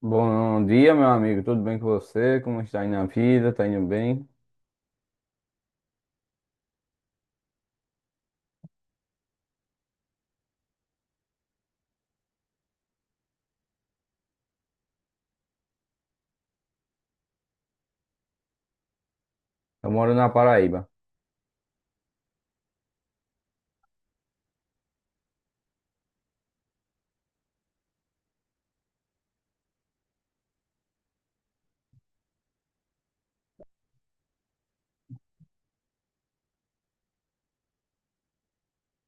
Bom dia, meu amigo. Tudo bem com você? Como está indo na vida? Tá indo bem? Eu moro na Paraíba.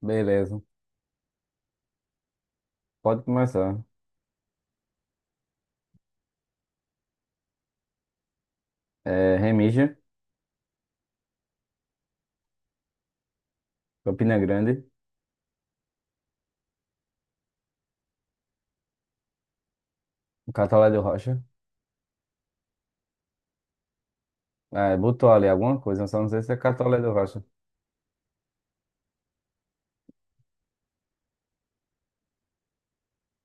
Beleza. Pode começar. Remígio, Campina Grande, Catolé do Rocha. Botou ali alguma coisa, só não sei se é Catolé do Rocha.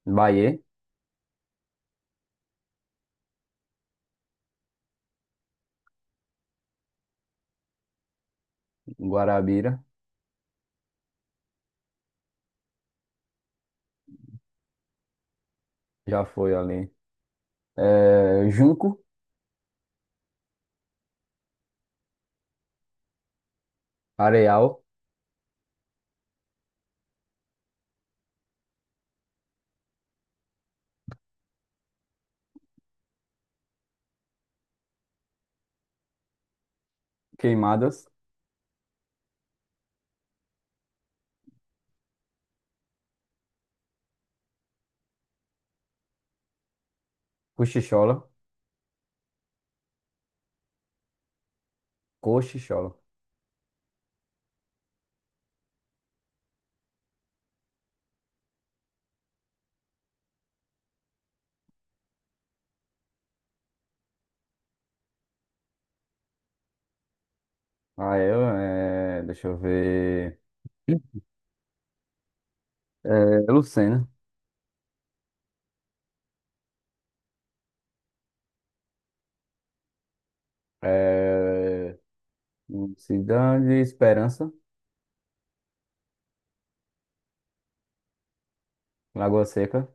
Bahia, Guarabira, já foi ali. Junco, Areal, Queimadas, Cochichola, Cochichola. Ah, deixa eu ver. É, Lucena. É, Cidade Esperança, Lagoa Seca,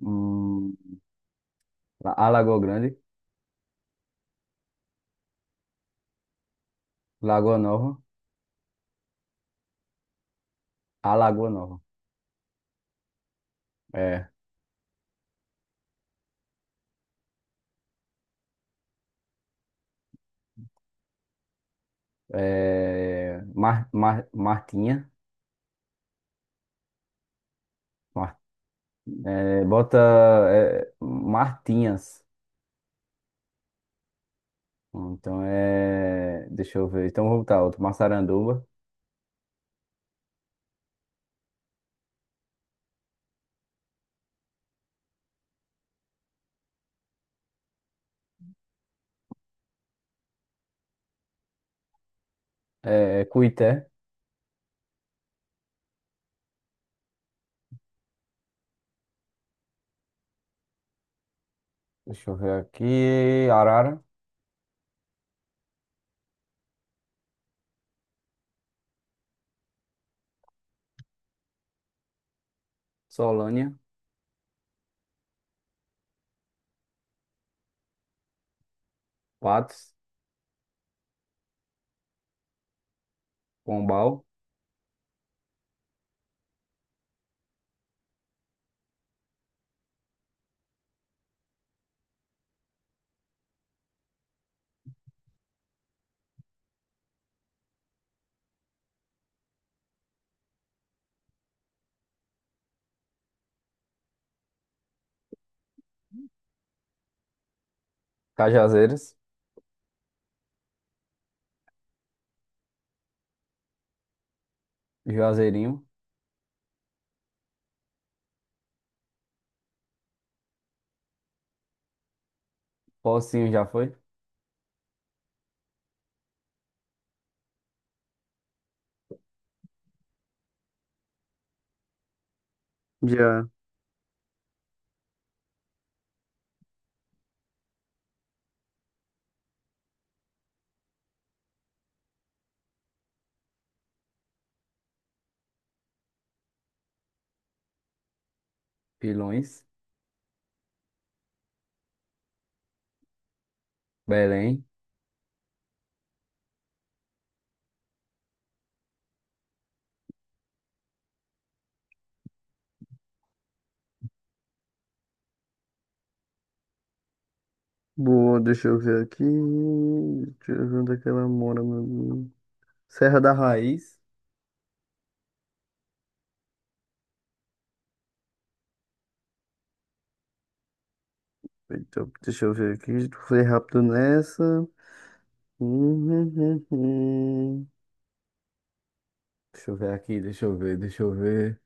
hum, a Lagoa Grande, Lagoa Nova, a Lagoa Nova. É, Martinha, Mar- é, bota Martinhas. Deixa eu ver. Então vou botar outro. Massaranduba, é Cuité, deixa eu ver aqui. Arara, Solânia, Patos, Pombal, Cajazeiras, Juazeirinho, Pocinho já foi, já. Pilões. Belém. Boa, deixa eu ver aqui. Deixa eu ver onde é que ela mora, meu amigo. Serra da Raiz. Eita, deixa eu ver aqui. Foi rápido nessa. Hum, hum, hum, hum. Deixa eu ver aqui, deixa eu ver, deixa eu ver.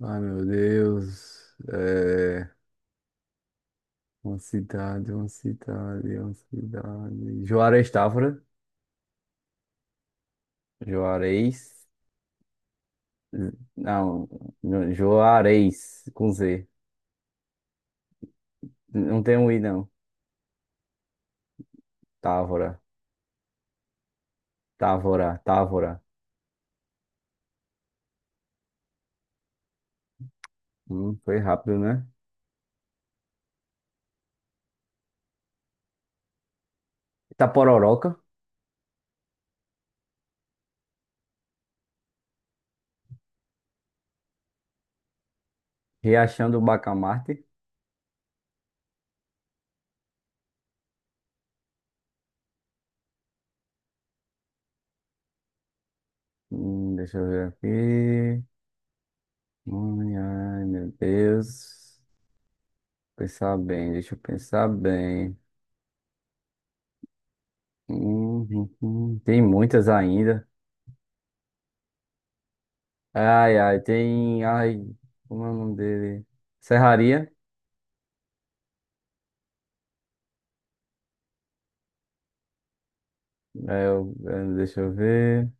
Ai, meu Deus. Uma cidade, uma cidade, uma cidade. Juarez Távora. Juarez. Não, Juarez, com Z. Não tem um I, não. Távora. Távora, Távora. Foi rápido, né? Itapororoca, Riachão do Bacamarte. Deixa eu ver aqui. Ai, meu Deus. Pensar bem, deixa eu pensar bem. Tem muitas ainda. Ai, ai, tem. Ai, como é o nome dele? Serraria. Deixa eu ver.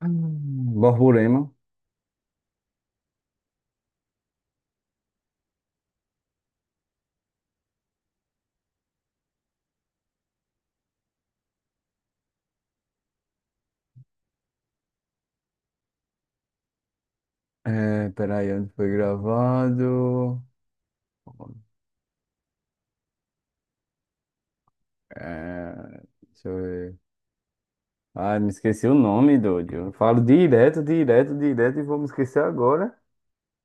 Borborema. Peraí, onde foi gravado? É, Deixa eu ver. Ai, me esqueci o nome, doido. Eu falo direto, direto, direto e vou me esquecer agora.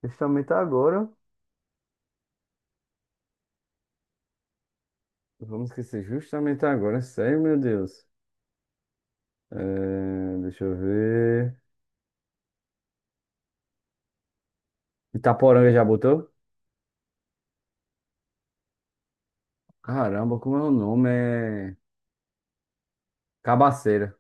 Justamente agora. Vou me esquecer justamente agora. Sério, meu Deus. Deixa eu ver. Itaporanga já botou? Caramba, como é o nome? Cabaceira.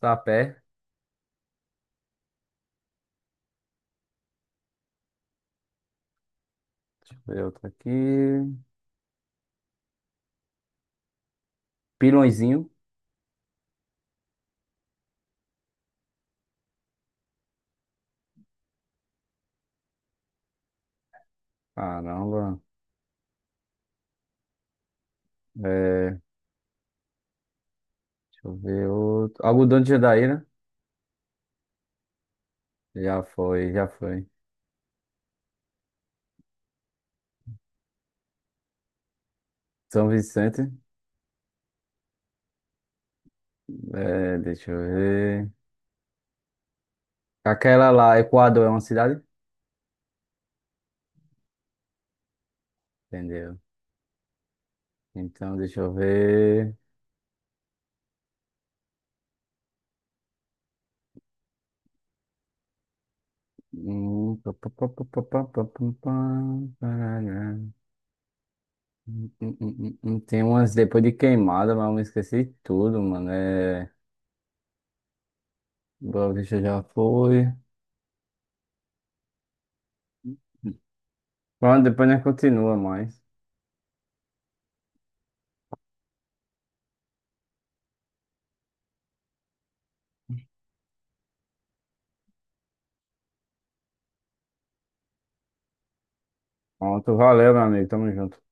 Sapé. Deixa eu ver outro aqui. Pilõezinho. Caramba. Deixa eu ver outro. Algodão de Jandaíra. Já foi, já foi. São Vicente. Deixa eu ver. Aquela lá, Equador é uma cidade? Entendeu? Então, deixa eu ver. Pá, pá, pá, pá, pá, pá, pá, pá, pá, parará. Tem umas depois de queimada, mas eu me esqueci tudo, mano. Boa Vista já foi. Pronto, depois nós continua mais. Pronto, valeu, meu amigo. Tamo junto.